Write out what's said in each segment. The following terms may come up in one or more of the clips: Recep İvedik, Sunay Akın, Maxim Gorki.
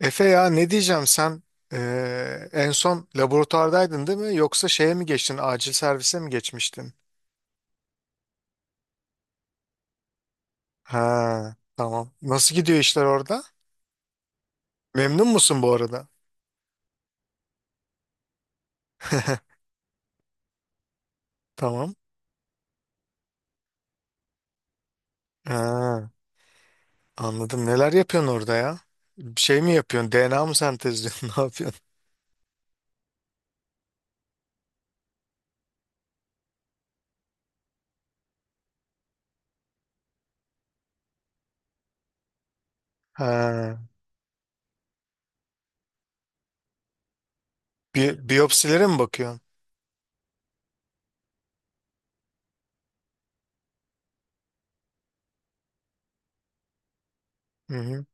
Efe ya ne diyeceğim sen en son laboratuvardaydın değil mi? Yoksa şeye mi geçtin? Acil servise mi geçmiştin? Ha, tamam. Nasıl gidiyor işler orada? Memnun musun bu arada? Tamam. Ha, anladım. Neler yapıyorsun orada ya? Bir şey mi yapıyorsun? DNA mı sentezliyorsun? Ne yapıyorsun? Ha, biyopsilere mi bakıyorsun? Hı hı.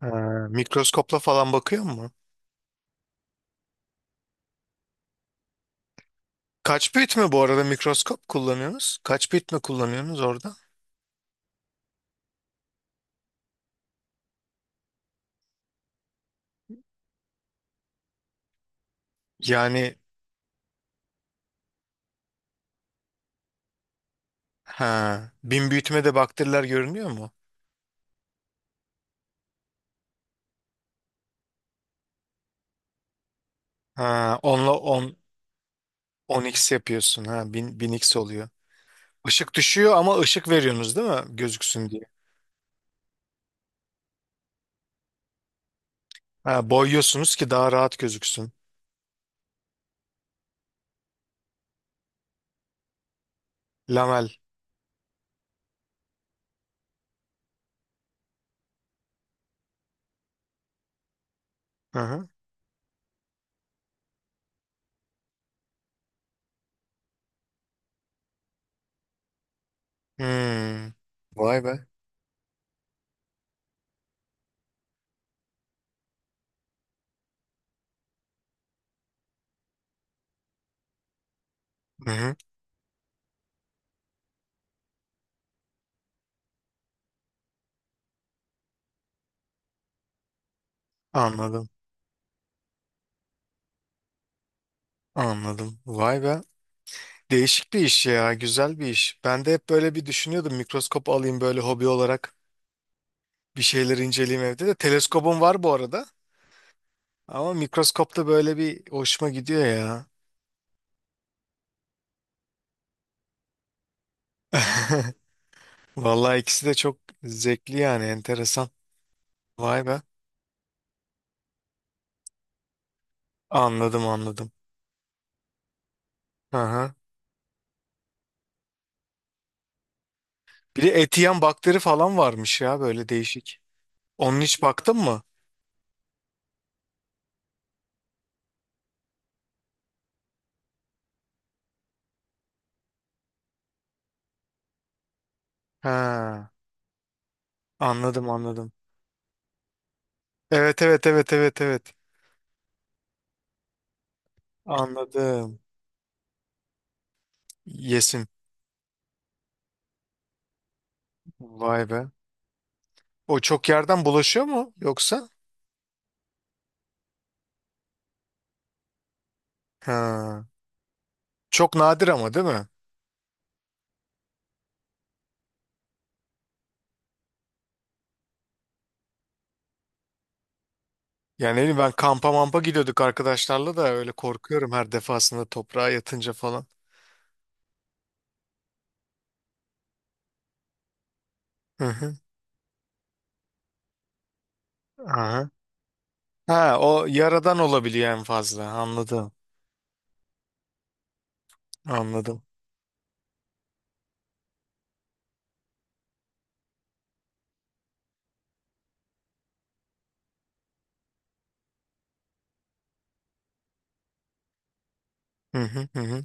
Ha, mikroskopla falan bakıyor mu? Kaç bit mi bu arada mikroskop kullanıyorsunuz? Kaç bit mi kullanıyorsunuz orada? Yani. Ha, bin büyütme de bakteriler görünüyor mu? Ha, onla on x yapıyorsun. Ha, bin x oluyor. Işık düşüyor ama ışık veriyorsunuz değil mi? Gözüksün diye. Ha, boyuyorsunuz ki daha rahat gözüksün. Lamel. Hı hı. Hmm. Vay be. Hı hı. Anladım. Anladım. Vay be. Değişik bir iş ya. Güzel bir iş. Ben de hep böyle bir düşünüyordum. Mikroskop alayım böyle hobi olarak. Bir şeyleri inceleyeyim evde de. Teleskobum var bu arada. Ama mikroskopta böyle bir hoşuma gidiyor ya. Vallahi ikisi de çok zevkli yani enteresan. Vay be. Anladım, anladım. Hı hı. Bir de eti yiyen bakteri falan varmış ya böyle değişik. Onun hiç baktın mı? Ha, anladım, anladım. Evet, evet, evet, evet, evet. Anladım. Yesin. Vay be. O çok yerden bulaşıyor mu yoksa? Ha. Çok nadir ama değil mi? Yani ne bileyim ben kampa mampa gidiyorduk arkadaşlarla da öyle korkuyorum her defasında toprağa yatınca falan. Hı hı. Aha. Ha, o yaradan olabiliyor en fazla. Anladım. Anladım. Hı hı hı. Hı.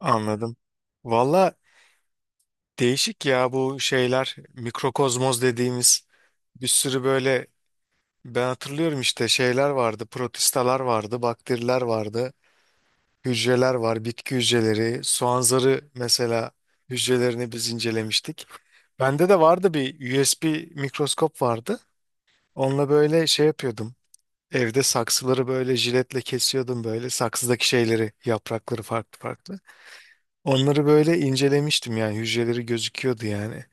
Anladım. Valla değişik ya bu şeyler. Mikrokozmoz dediğimiz bir sürü böyle ben hatırlıyorum işte şeyler vardı. Protistalar vardı, bakteriler vardı, hücreler var, bitki hücreleri, soğan zarı mesela hücrelerini biz incelemiştik. Bende de vardı bir USB mikroskop vardı. Onunla böyle şey yapıyordum. Evde saksıları böyle jiletle kesiyordum böyle. Saksıdaki şeyleri, yaprakları farklı farklı. Onları böyle incelemiştim yani hücreleri gözüküyordu yani.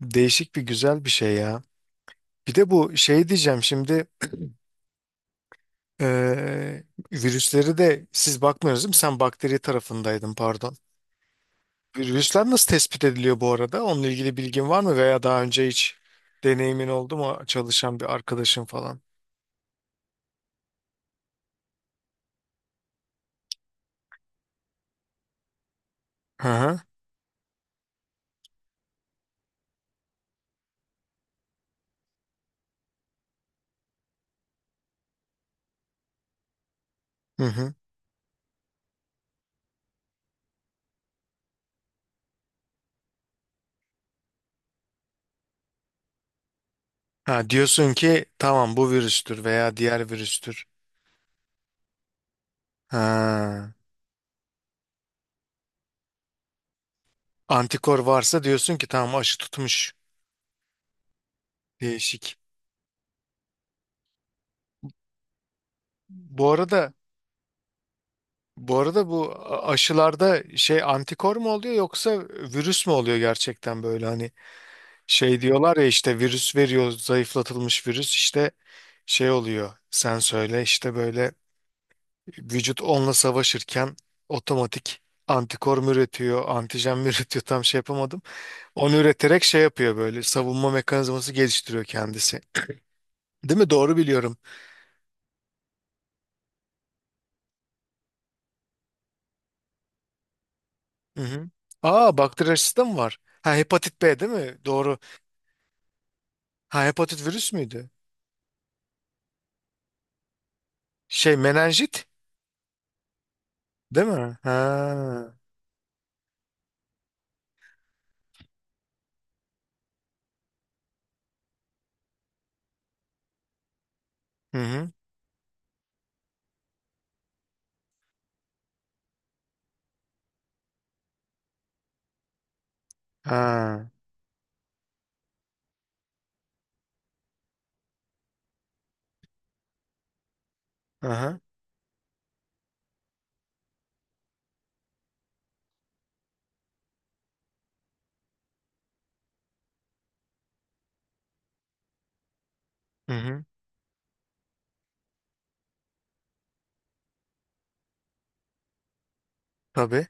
Değişik bir güzel bir şey ya. Bir de bu şey diyeceğim şimdi eee, virüsleri de siz bakmıyorsunuz değil mi? Sen bakteri tarafındaydın, pardon. Virüsler nasıl tespit ediliyor bu arada? Onunla ilgili bilgin var mı veya daha önce hiç deneyimin oldu mu çalışan bir arkadaşın falan? Hı hı. Hı hı. Ha, diyorsun ki tamam bu virüstür veya diğer virüstür. Ha. Antikor varsa diyorsun ki tamam aşı tutmuş. Değişik. Bu arada bu arada bu aşılarda şey antikor mu oluyor yoksa virüs mü oluyor gerçekten böyle hani şey diyorlar ya işte virüs veriyor zayıflatılmış virüs işte şey oluyor sen söyle işte böyle vücut onunla savaşırken otomatik antikor mu üretiyor antijen mi üretiyor tam şey yapamadım. Onu üreterek şey yapıyor böyle savunma mekanizması geliştiriyor kendisi. Değil mi? Doğru biliyorum. Hı hı. Aa, bakteri aşısı da mı var? Ha, hepatit B değil mi? Doğru. Ha, hepatit virüs müydü? Şey menenjit değil mi? Ha. Hı hı. Ha. Aha. Hı hı. Tabii.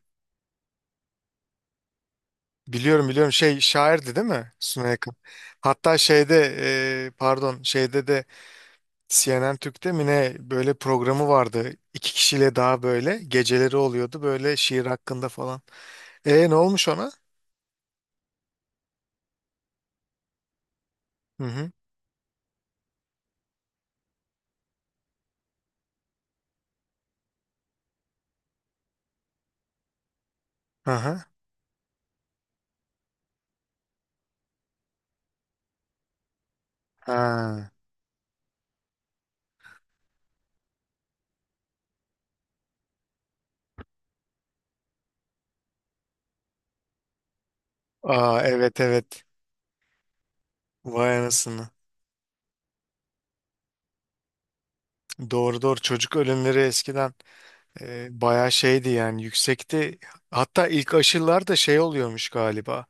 Biliyorum, biliyorum, şey şairdi değil mi? Sunay Akın. Hatta şeyde pardon şeyde de CNN Türk'te mi ne böyle programı vardı. İki kişiyle daha böyle geceleri oluyordu böyle şiir hakkında falan. E, ne olmuş ona? Hı hı. Aha. Ha. Aa, evet, evet. Vay anasını. Doğru, doğru, çocuk ölümleri eskiden bayağı şeydi yani yüksekti. Hatta ilk aşılar da şey oluyormuş galiba.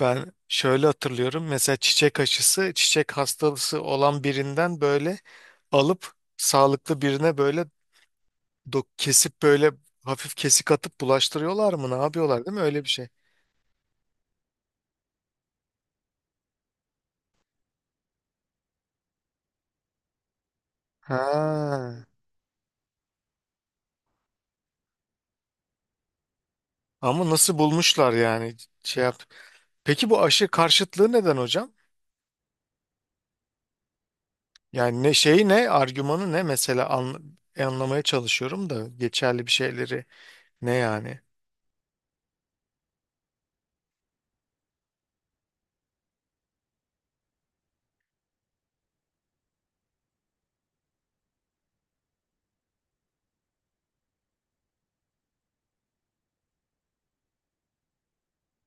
Ben şöyle hatırlıyorum mesela çiçek aşısı çiçek hastalığı olan birinden böyle alıp sağlıklı birine böyle kesip böyle hafif kesik atıp bulaştırıyorlar mı ne yapıyorlar değil mi öyle bir şey. Ha. Ama nasıl bulmuşlar yani şey yap. Peki bu aşı karşıtlığı neden hocam? Yani ne şeyi ne argümanı ne mesela anlamaya çalışıyorum da geçerli bir şeyleri ne yani?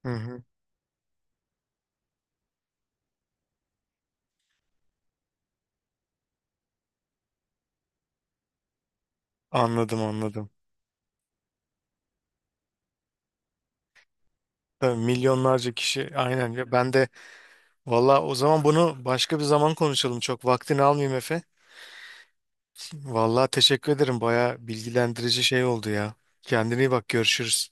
Hı hı. Anladım, anladım. Tabii milyonlarca kişi aynen ya ben de valla o zaman bunu başka bir zaman konuşalım çok vaktini almayayım Efe. Valla teşekkür ederim baya bilgilendirici şey oldu ya. Kendine iyi bak, görüşürüz.